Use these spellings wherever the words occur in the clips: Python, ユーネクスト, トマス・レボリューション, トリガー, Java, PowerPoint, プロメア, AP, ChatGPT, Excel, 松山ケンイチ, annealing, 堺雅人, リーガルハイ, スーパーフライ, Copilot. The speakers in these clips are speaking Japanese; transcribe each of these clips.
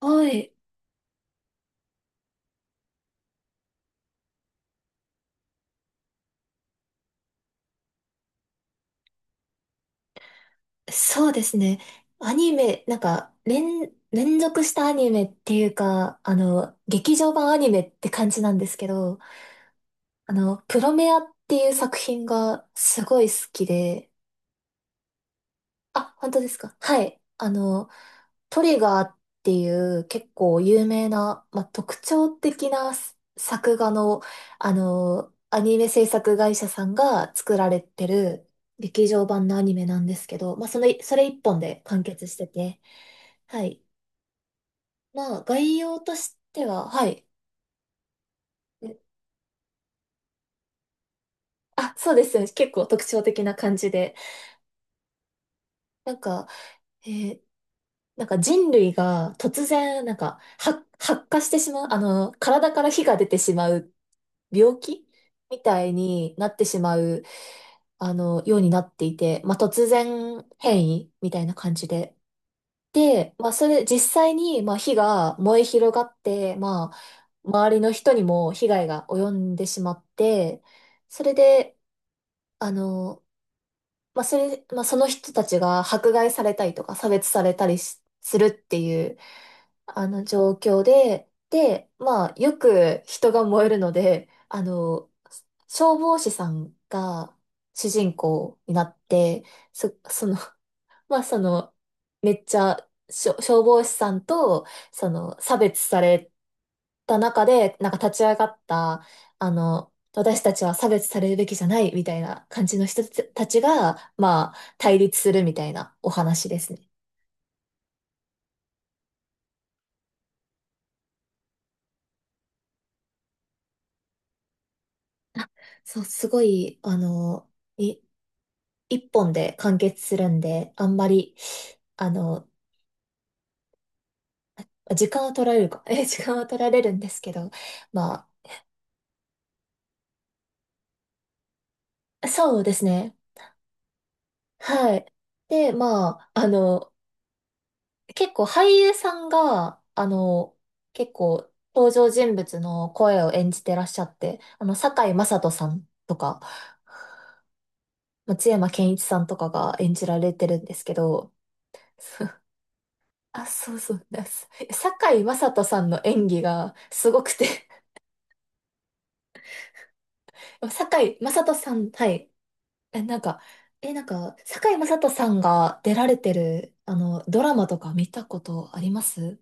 はい、そうですね。アニメ、なんか、連続したアニメっていうか、劇場版アニメって感じなんですけど、プロメアっていう作品がすごい好きで。あ、本当ですか。はい。トリガーっていう結構有名な、まあ、特徴的な作画の、アニメ制作会社さんが作られてる劇場版のアニメなんですけど、まあ、その、それ一本で完結してて。はい。まあ、概要としては。はい。えあ、そうですよね。結構特徴的な感じで。なんか、えーなんか人類が突然、なんか、発火してしまう、体から火が出てしまう病気みたいになってしまう、ようになっていて、まあ、突然変異みたいな感じで。で、まあ、それ、実際に、まあ、火が燃え広がって、まあ、周りの人にも被害が及んでしまって、それで、あの、まあ、それ、まあ、その人たちが迫害されたりとか差別されたりするっていう、あの状況で、で、まあ、よく人が燃えるので、消防士さんが主人公になって、そ、そのその、めっちゃ消防士さんと、その、差別された中で、なんか立ち上がった、私たちは差別されるべきじゃないみたいな感じの人たちが、まあ、対立するみたいなお話ですね。そう、すごい、い一本で完結するんで、あんまり、あの、時間は取られるか、時間は取られるんですけど、まあ、そうですね。はい。で、まあ、結構俳優さんが、結構登場人物の声を演じてらっしゃって、堺雅人さんとか、松山ケンイチさんとかが演じられてるんですけど、そうあ、そうそうです。堺雅人さんの演技がすごくて、堺雅人さん、はい。え、なんか、え、なんか、堺雅人さんが出られてる、ドラマとか見たことあります？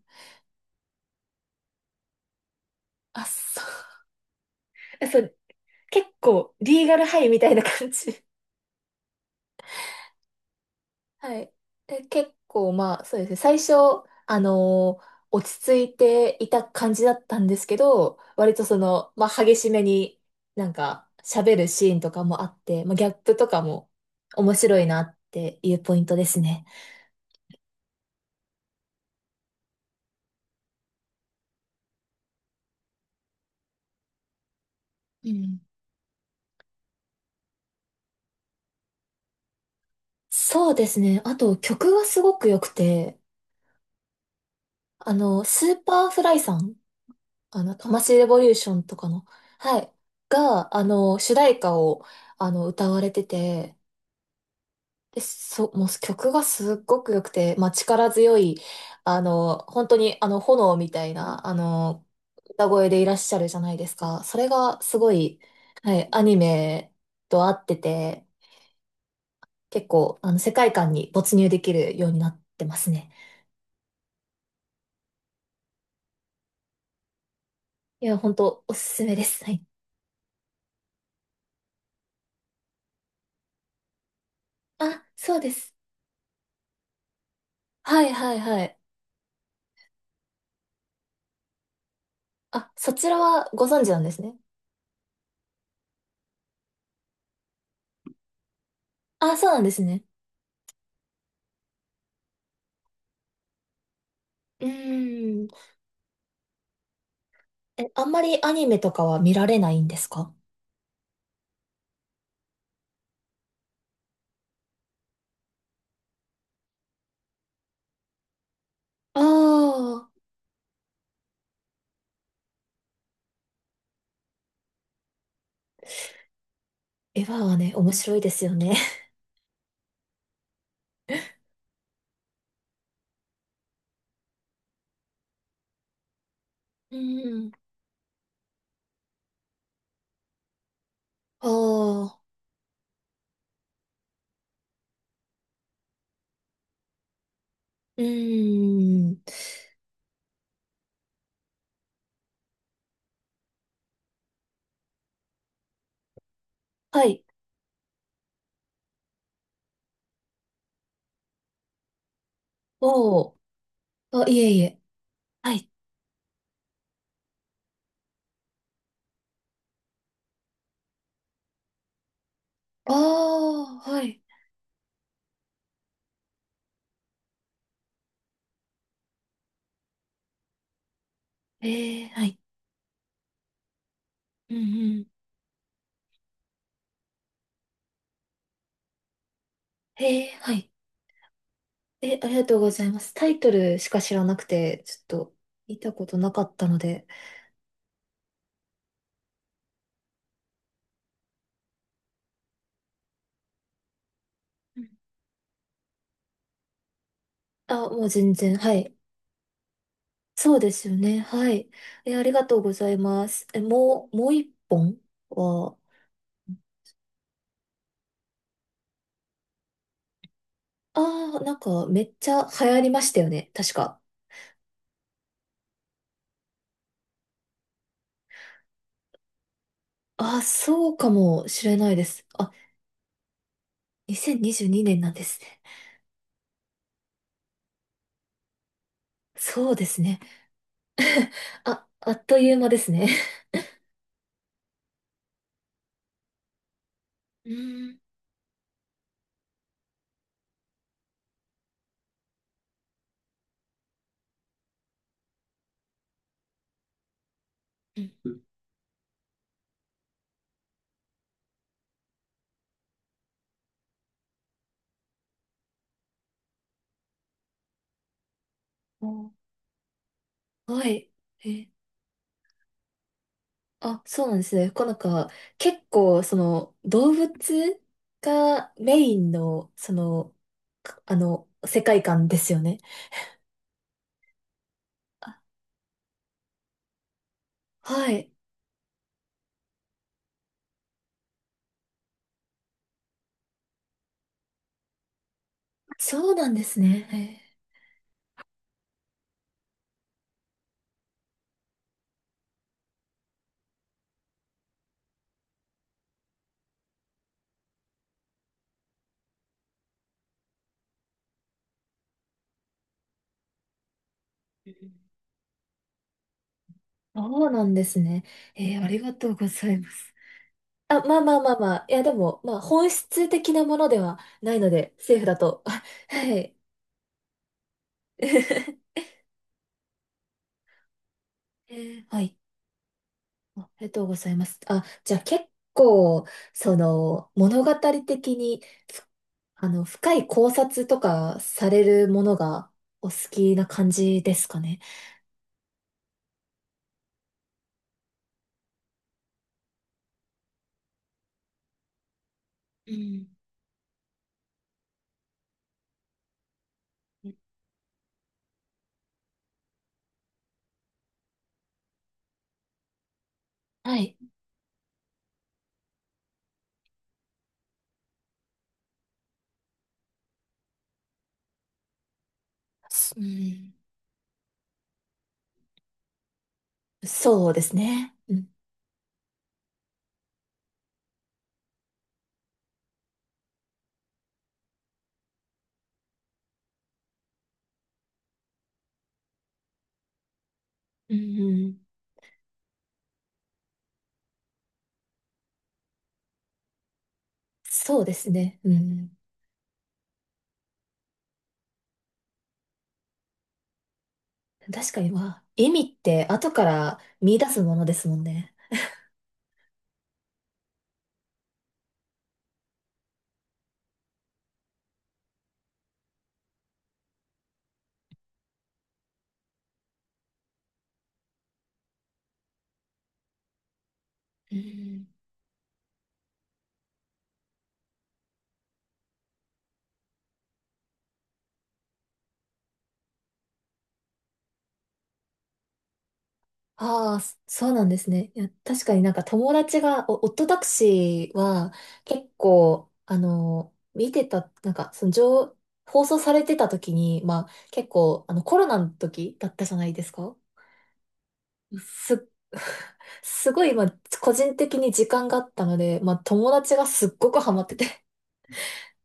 あ、そう。そう、結構、リーガルハイみたいな感じ。はい。で、結構まあそうですね。最初、落ち着いていた感じだったんですけど、割とその、まあ激しめになんか喋るシーンとかもあって、まあギャップとかも面白いなっていうポイントですね。うん。そうですね。あと曲がすごく良くて、スーパーフライさんトマス・レボリューションとかの、はい、が、主題歌を、歌われてて、で、もう曲がすっごく良くて、まあ、力強い、本当に、炎みたいな、歌声でいらっしゃるじゃないですか。それがすごい、はい、アニメと合ってて、結構、世界観に没入できるようになってますね。いや、本当おすすめです。はい。あ、そうです。はい、はい、はい。あ、そちらはご存知なんですね。あ、そうなんですね。うーん。え、あんまりアニメとかは見られないんですか？ああー、エヴァはね、面白いですよね。うーん。ああ、うーん。はい。おー。あ、いえいえ。はい。ああ、はい。ええ、はい。うんうん。ええ、はい。え、ありがとうございます。タイトルしか知らなくて、ちょっと、見たことなかったので。うん。あ、もう全然、はい。そうですよね。はい。え、ありがとうございます。え、もう一本は。ああ、なんかめっちゃ流行りましたよね。確か。ああ、そうかもしれないです。あ、2022年なんですね。そうですね。あ、あっという間ですね。うーん。うん。お、はい。え、あ、そうなんですね。こうなんか、結構、その、動物がメインの、その、世界観ですよね。あ、はい。そうなんですね。へえ、そうなんですね。ありがとうございます。あ、まあまあまあまあ。いや、でも、まあ、本質的なものではないので、セーフだと。あ、はい。えはい。あ、ありがとうございます。あ、じゃあ結構、その、物語的に、ふ深い考察とかされるものがお好きな感じですかね？うん。はい。うん。そうですね。うん。うんうん、そうですね。うん。確かに、まあ、意味って後から見出すものですもんね。うん。ああ、そうなんですね。いや、確かになんか友達が、お、夫タクシーは結構、見てた、なんか、その情、放送されてた時に、まあ、結構、コロナの時だったじゃないですか。す、すごい、まあ、個人的に時間があったので、まあ、友達がすっごくハマってて、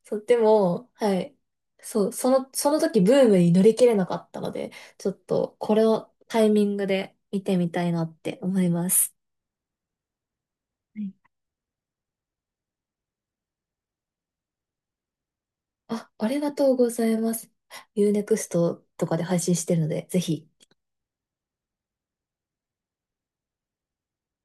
そう。でも、はい。そう、その時ブームに乗り切れなかったので、ちょっとこれをタイミングで見てみたいなって思います。はい。あ、ありがとうございます。ユーネクストとかで配信してるので、ぜひ。